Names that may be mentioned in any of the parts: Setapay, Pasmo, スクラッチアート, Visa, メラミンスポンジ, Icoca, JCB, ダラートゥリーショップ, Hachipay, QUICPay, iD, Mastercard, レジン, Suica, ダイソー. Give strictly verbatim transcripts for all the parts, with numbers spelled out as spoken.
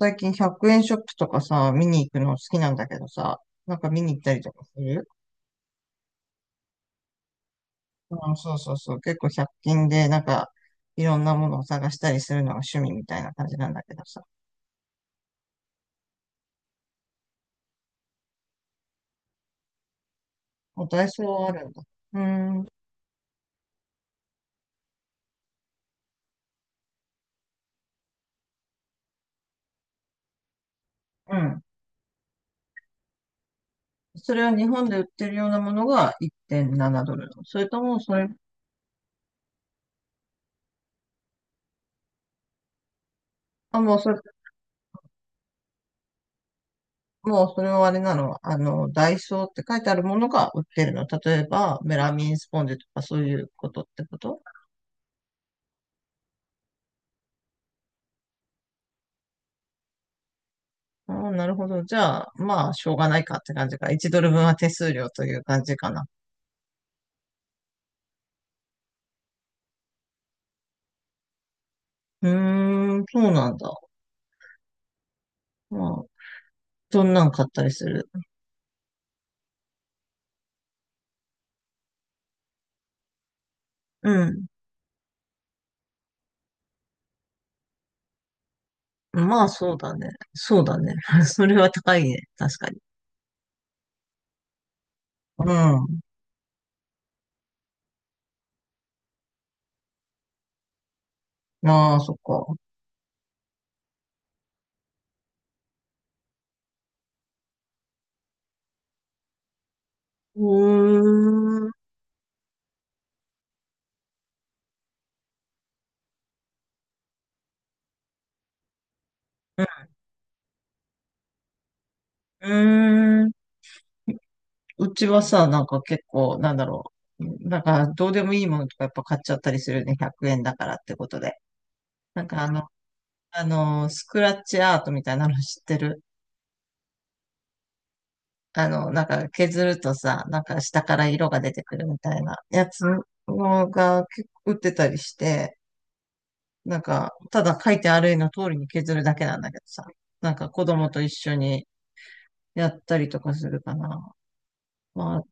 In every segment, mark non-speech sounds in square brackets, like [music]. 最近ひゃくえんショップとかさ、見に行くの好きなんだけどさ、なんか見に行ったりとかする？うん、そうそうそう。結構ひゃっ均でなんかいろんなものを探したりするのが趣味みたいな感じなんだけどさ。もうダイソーはあるんだ。うーん、うん。それは日本で売ってるようなものがいってんななドルなの？それともそれ、あ、もうそれ、もうそれはあれなの。あの、ダイソーって書いてあるものが売ってるの？例えば、メラミンスポンジとかそういうことってこと？ああ、なるほど。じゃあ、まあ、しょうがないかって感じか。いちドル分は手数料という感じかな。うーん、そうなんだ。まあ、どんなん買ったりする？うん。まあ、そうだね。そうだね。[laughs] それは高いね。確かに。うん。ああ、そっか。うーん。うーん。うちはさ、なんか結構、なんだろう。なんか、どうでもいいものとかやっぱ買っちゃったりするね。ひゃくえんだからってことで。なんかあの、あの、スクラッチアートみたいなの知ってる？あの、なんか削るとさ、なんか下から色が出てくるみたいなやつのが結構売ってたりして、なんか、ただ書いてある絵の通りに削るだけなんだけどさ、なんか子供と一緒にやったりとかするかな。ま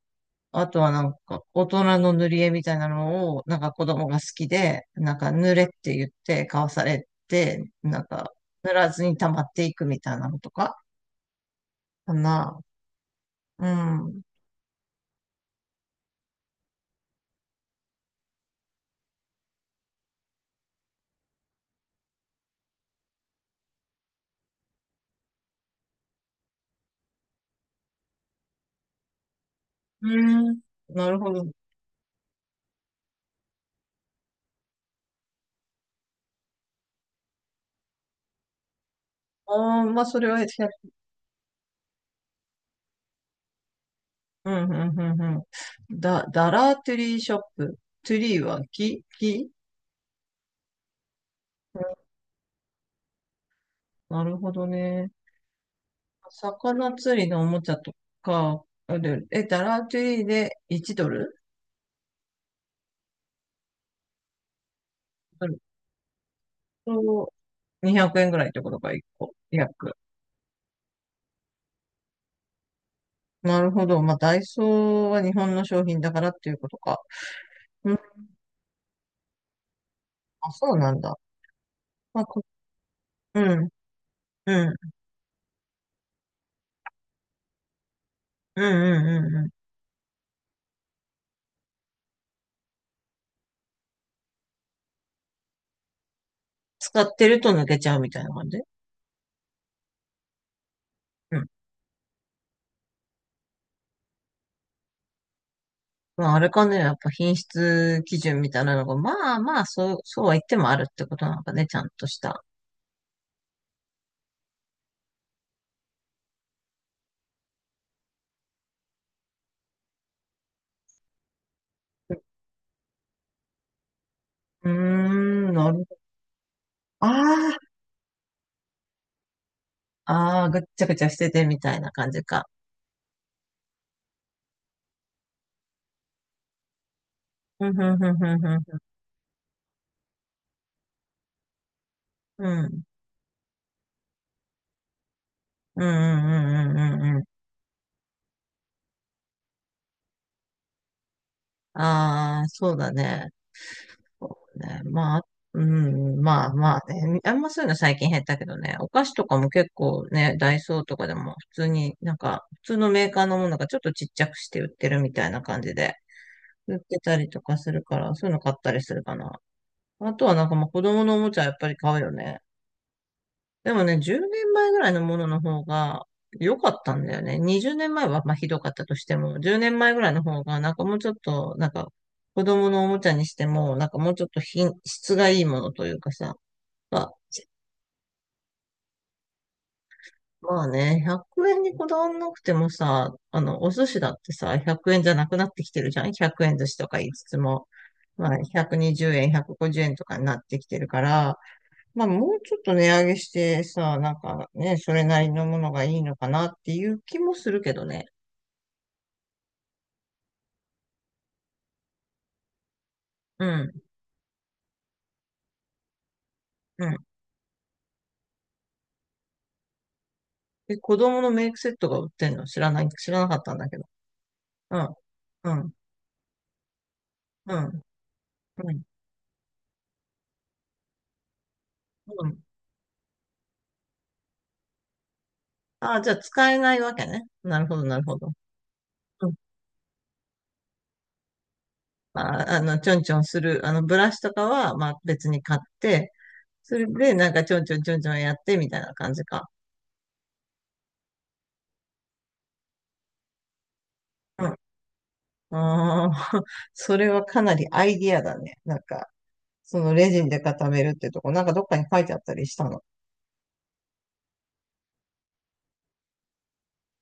あ、あとはなんか、大人の塗り絵みたいなのを、なんか子供が好きで、なんか塗れって言って買わされて、なんか、塗らずに溜まっていくみたいなのとか、かな。うん。うん。なるほど。ああ、まあ、それはひゃく、へ [laughs] うん、うん、うん、うん。だ、ダラートゥリーショップ。トゥリーは木、木、うん、なるほどね。魚釣りのおもちゃとか、あれえ、ダラートゥリーでいちドルドルとにひゃくえんぐらいってことか、いっこ。約。なるほど。まあ、ダイソーは日本の商品だからっていうことか。うん、あ、そうなんだ。まあ、こ、うん、うん、うん、うん、うん。うん使ってると抜けちゃうみたいな感じ？うん。まあ、あれかね、やっぱ品質基準みたいなのが、まあまあ、そう、そうは言ってもあるってことなんかね、ちゃんとした。うーん、なるほど。ああ、ああ、ぐっちゃぐちゃしててみたいな感じか。うん、うん、うん、うん、うん。うん、うん、うん、うん、うん。うんああ、そうだね。そうね。まあ、うん、まあまあね。あんまそういうの最近減ったけどね。お菓子とかも結構ね、ダイソーとかでも普通になんか、普通のメーカーのものがちょっとちっちゃくして売ってるみたいな感じで。売ってたりとかするから、そういうの買ったりするかな。あとはなんかまあ子供のおもちゃやっぱり買うよね。でもね、じゅうねんまえぐらいのものの方が良かったんだよね。にじゅうねんまえはまあひどかったとしても、じゅうねんまえぐらいの方がなんかもうちょっと、なんか子供のおもちゃにしても、なんかもうちょっと品質がいいものというかさ、まあまあね、ひゃくえんにこだわんなくてもさ、あの、お寿司だってさ、ひゃくえんじゃなくなってきてるじゃん？ ひゃく 円寿司とか言いつつも、まあ、ひゃくにじゅうえん、ひゃくごじゅうえんとかになってきてるから、まあ、もうちょっと値上げしてさ、なんかね、それなりのものがいいのかなっていう気もするけどね。うん、うん。え、子供のメイクセットが売ってんの知らない、知らなかったんだけど。うん、うん、うん、うん、うん。ああ、じゃあ使えないわけね。なるほど、なるほど。まあ、あの、ちょんちょんする、あの、ブラシとかは、まあ、別に買って、それで、なんか、ちょんちょんちょんちょんやって、みたいな感じか。うん。ああ、[laughs] それはかなりアイディアだね。なんか、そのレジンで固めるってとこ、なんかどっかに書いてあったりしたの？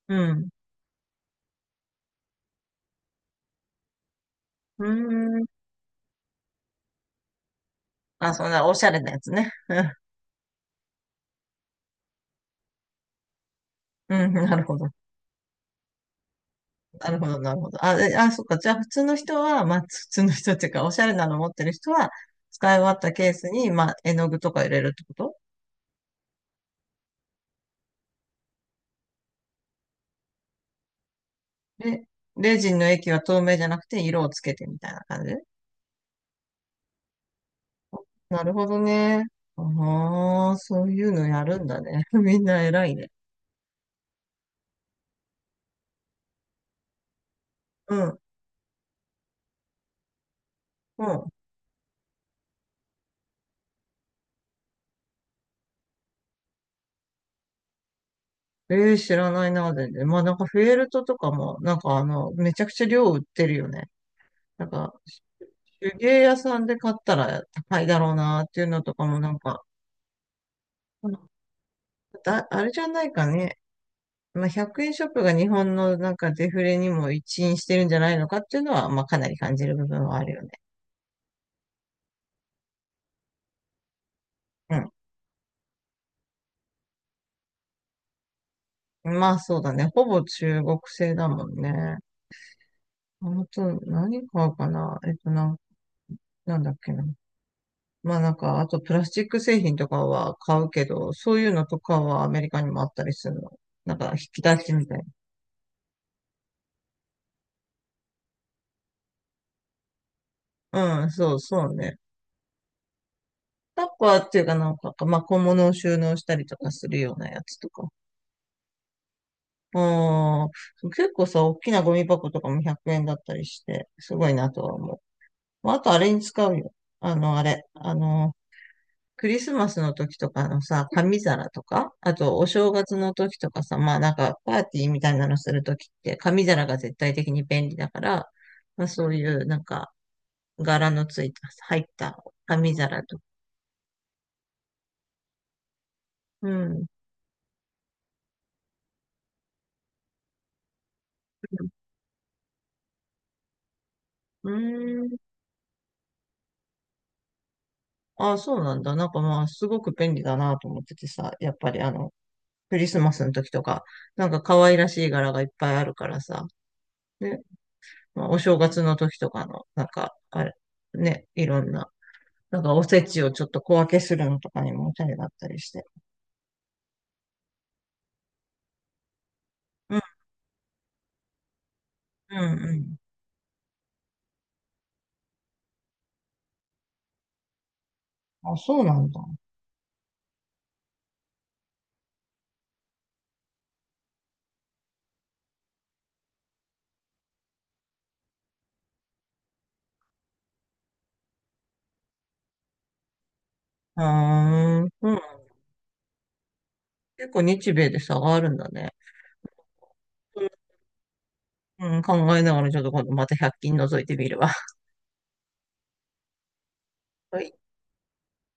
うん。うーん。あ、そんなおしゃれなやつね。うん、なるほど。なるほど、なるほど。あ、えあ、そっか。じゃあ、普通の人は、まあ、普通の人っていうか、おしゃれなの持ってる人は、使い終わったケースに、まあ、絵の具とか入れるってこと？レ、レジンの液は透明じゃなくて色をつけてみたいな感じ？なるほどね。ああ、そういうのやるんだね。[laughs] みんな偉いね。うん、うん。ええ知らないな、全然。まあなんかフェルトとかも、なんかあの、めちゃくちゃ量売ってるよね。なんか、手芸屋さんで買ったら高いだろうなっていうのとかもなんか、だ、あれじゃないかね。まあひゃくえんショップが日本のなんかデフレにも一因してるんじゃないのかっていうのは、まあかなり感じる部分はあるよね。うんまあそうだね。ほぼ中国製だもんね。あと、何買うかなえっとな、なんだっけな。まあなんか、あとプラスチック製品とかは買うけど、そういうのとかはアメリカにもあったりするの？なんか、引き出しみたいな。うん、そうそうね。タッパーっていうかなんか、まあ小物を収納したりとかするようなやつとか。うん、結構さ、大きなゴミ箱とかもひゃくえんだったりして、すごいなとは思う。まあ、あとあれに使うよ。あの、あれ。あの、クリスマスの時とかのさ、紙皿とか、あとお正月の時とかさ、まあなんかパーティーみたいなのする時って紙皿が絶対的に便利だから、まあそういうなんか柄のついた、入った紙皿とか。うん。うーん。ああ、そうなんだ。なんかまあすごく便利だなと思っててさ、やっぱりあの、クリスマスの時とか、なんか可愛らしい柄がいっぱいあるからさ、ね、まあ、お正月の時とかの、なんか、あれ、ね、いろんななんかおせちをちょっと小分けするのとかにもおしゃれだったりして。うんうんうん。あ、そうなんだ。あーうん。結構日米で差があるんだね。うん、うん考えながらちょっと今度またひゃっきん覗いてみるわ。[laughs] はい